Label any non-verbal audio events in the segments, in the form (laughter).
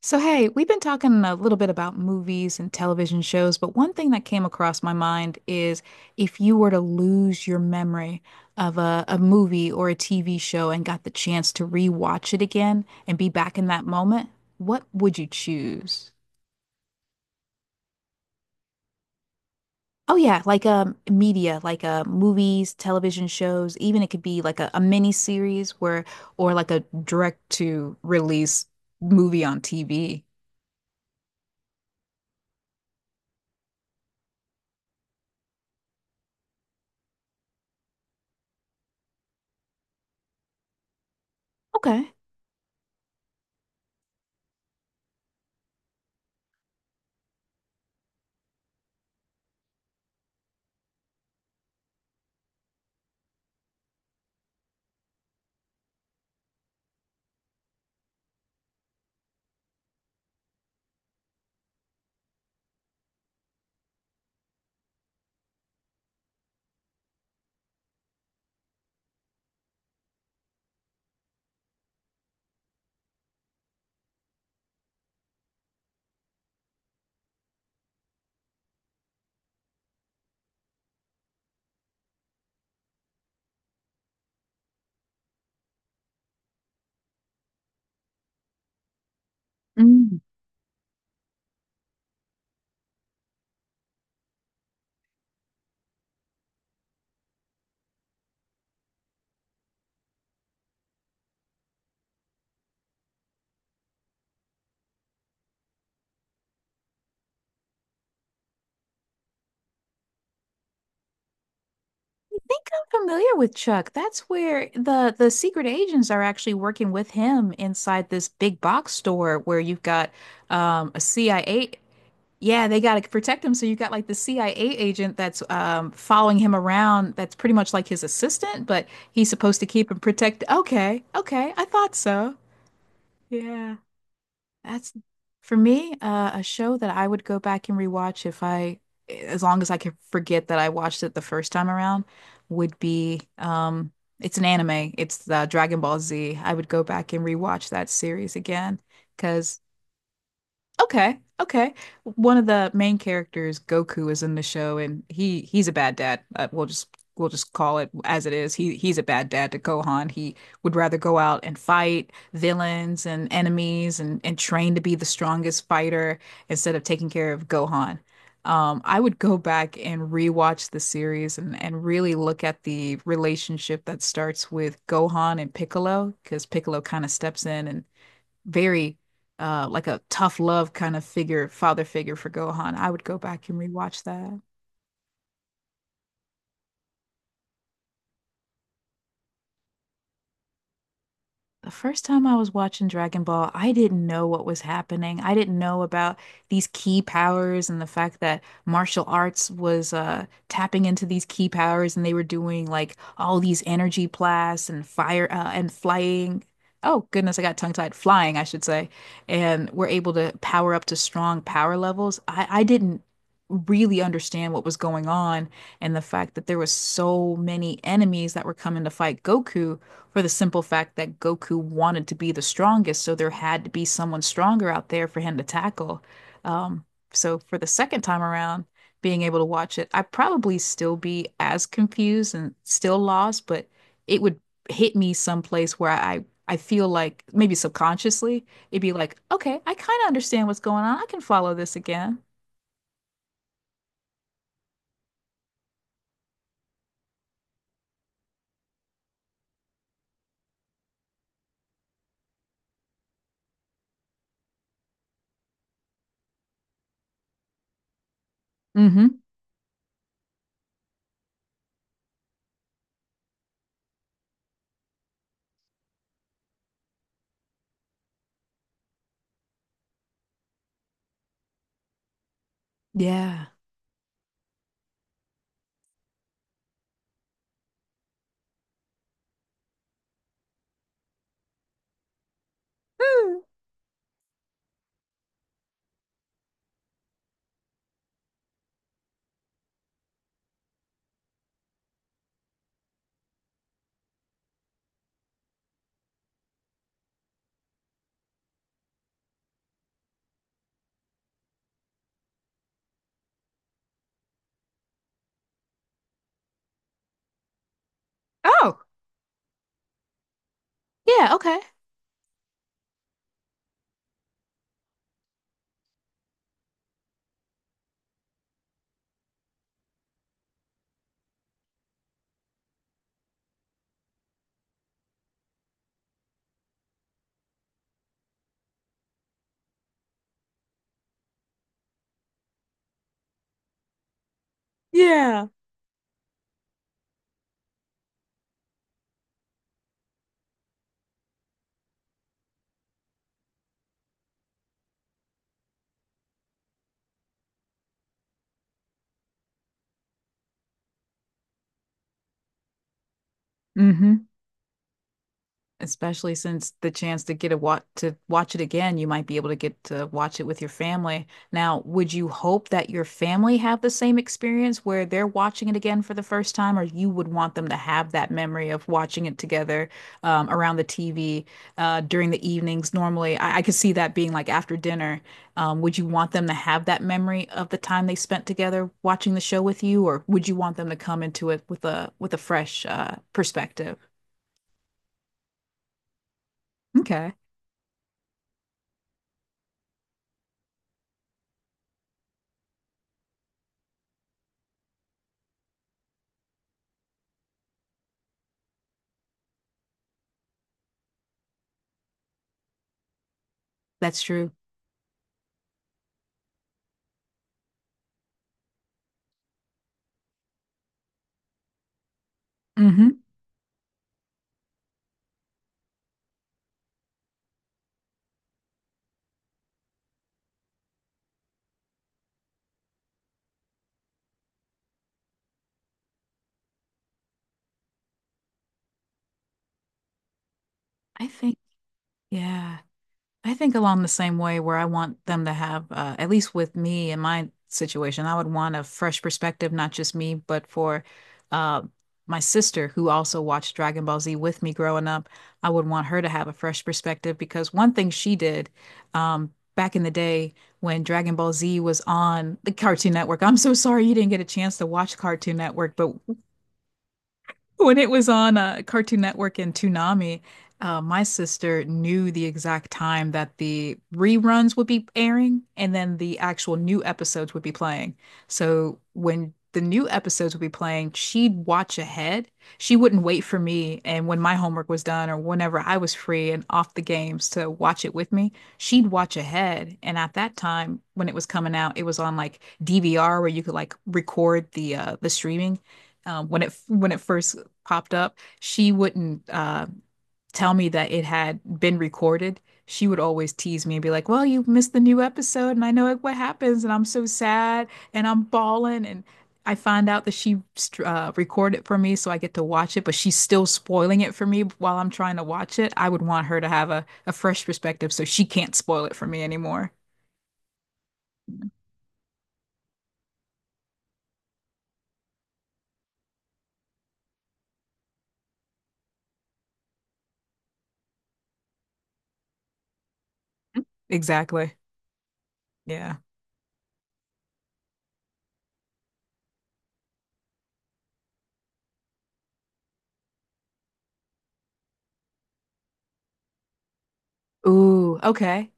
So, hey, we've been talking a little bit about movies and television shows, but one thing that came across my mind is if you were to lose your memory of a movie or a TV show and got the chance to rewatch it again and be back in that moment, what would you choose? Oh yeah, like media, like movies, television shows, even it could be like a mini series where or like a direct to release movie on TV. Okay. I think I'm familiar with Chuck. That's where the secret agents are actually working with him inside this big box store where you've got a CIA. Yeah, they got to protect him. So you've got like the CIA agent that's following him around that's pretty much like his assistant, but he's supposed to keep him protected. Okay, okay, I thought so. Yeah. That's for me, a show that I would go back and rewatch if I, as long as I could forget that I watched it the first time around, would be it's an anime. It's the Dragon Ball Z. I would go back and rewatch that series again because okay. Okay. One of the main characters, Goku, is in the show and he's a bad dad. We'll just we'll just call it as it is. He's a bad dad to Gohan. He would rather go out and fight villains and enemies and train to be the strongest fighter instead of taking care of Gohan. I would go back and rewatch the series and really look at the relationship that starts with Gohan and Piccolo because Piccolo kind of steps in and very like a tough love kind of figure, father figure for Gohan. I would go back and rewatch that. The first time I was watching Dragon Ball, I didn't know what was happening. I didn't know about these key powers and the fact that martial arts was tapping into these key powers, and they were doing like all these energy blasts and fire and flying. Oh goodness, I got tongue-tied. Flying, I should say, and we're able to power up to strong power levels. I didn't really understand what was going on, and the fact that there was so many enemies that were coming to fight Goku for the simple fact that Goku wanted to be the strongest, so there had to be someone stronger out there for him to tackle. Um, so for the second time around, being able to watch it, I'd probably still be as confused and still lost, but it would hit me someplace where I feel like maybe subconsciously it'd be like, okay, I kind of understand what's going on. I can follow this again. Mm-hmm. Yeah. Hmm. Oh, yeah, okay. Yeah. Mm-hmm. Especially since the chance to get a watch to watch it again, you might be able to get to watch it with your family. Now, would you hope that your family have the same experience where they're watching it again for the first time, or you would want them to have that memory of watching it together, around the TV, during the evenings? Normally, I could see that being like after dinner. Would you want them to have that memory of the time they spent together watching the show with you, or would you want them to come into it with a fresh perspective? Okay, that's true. Hmm. I think, yeah, I think along the same way where I want them to have, at least with me in my situation, I would want a fresh perspective, not just me, but for uh, my sister who also watched Dragon Ball Z with me growing up. I would want her to have a fresh perspective because one thing she did, back in the day when Dragon Ball Z was on the Cartoon Network. I'm so sorry you didn't get a chance to watch Cartoon Network, but when it was on, Cartoon Network and Toonami, my sister knew the exact time that the reruns would be airing and then the actual new episodes would be playing. So when the new episodes would be playing, she'd watch ahead. She wouldn't wait for me. And when my homework was done or whenever I was free and off the games to watch it with me, she'd watch ahead. And at that time, when it was coming out, it was on like DVR where you could like record the streaming, when it first popped up, she wouldn't tell me that it had been recorded. She would always tease me and be like, "Well, you missed the new episode, and I know what happens, and I'm so sad, and I'm bawling." And I find out that she, recorded for me, so I get to watch it, but she's still spoiling it for me while I'm trying to watch it. I would want her to have a fresh perspective, so she can't spoil it for me anymore. Exactly. Yeah. Ooh, okay.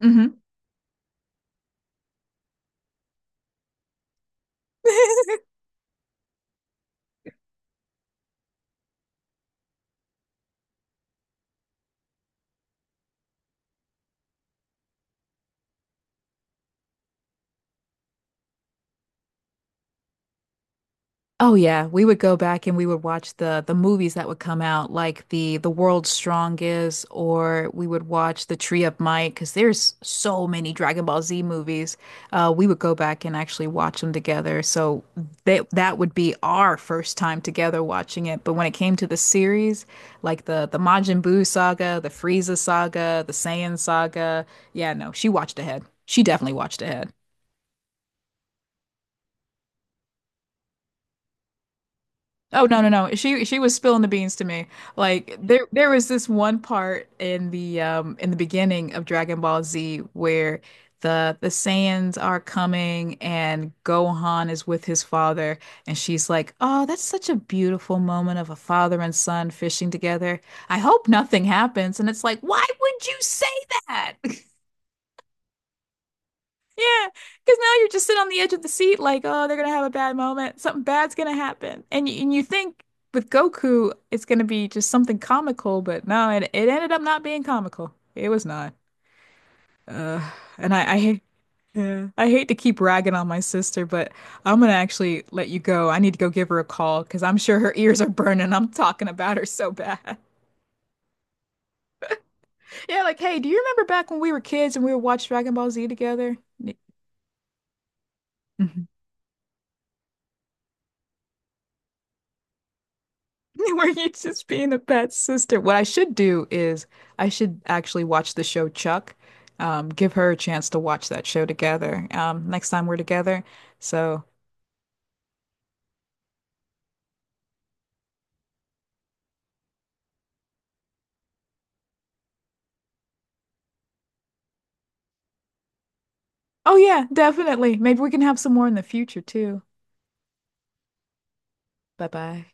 Hmm. (laughs) Oh yeah, we would go back and we would watch the movies that would come out, like the World's Strongest, or we would watch the Tree of Might, because there's so many Dragon Ball Z movies. We would go back and actually watch them together. So that would be our first time together watching it. But when it came to the series, like the Majin Buu saga, the Frieza saga, the Saiyan saga, yeah, no, she watched ahead. She definitely watched ahead. Oh no no no. She was spilling the beans to me. Like there was this one part in the beginning of Dragon Ball Z where the Saiyans are coming and Gohan is with his father and she's like, "Oh, that's such a beautiful moment of a father and son fishing together. I hope nothing happens." And it's like, "Why would you say that?" (laughs) Yeah, because now you're just sitting on the edge of the seat, like, oh, they're gonna have a bad moment. Something bad's gonna happen, and you think with Goku, it's gonna be just something comical, but no, it ended up not being comical. It was not. Uh, and I hate, yeah, I hate to keep ragging on my sister, but I'm gonna actually let you go. I need to go give her a call because I'm sure her ears are burning. I'm talking about her so bad. (laughs) Yeah, like, hey, do you remember back when we were kids and we would watch Dragon Ball Z together? Mhm. (laughs) Were you just being a bad sister? What I should do is I should actually watch the show Chuck. Give her a chance to watch that show together. Next time we're together. So, oh yeah, definitely. Maybe we can have some more in the future too. Bye bye.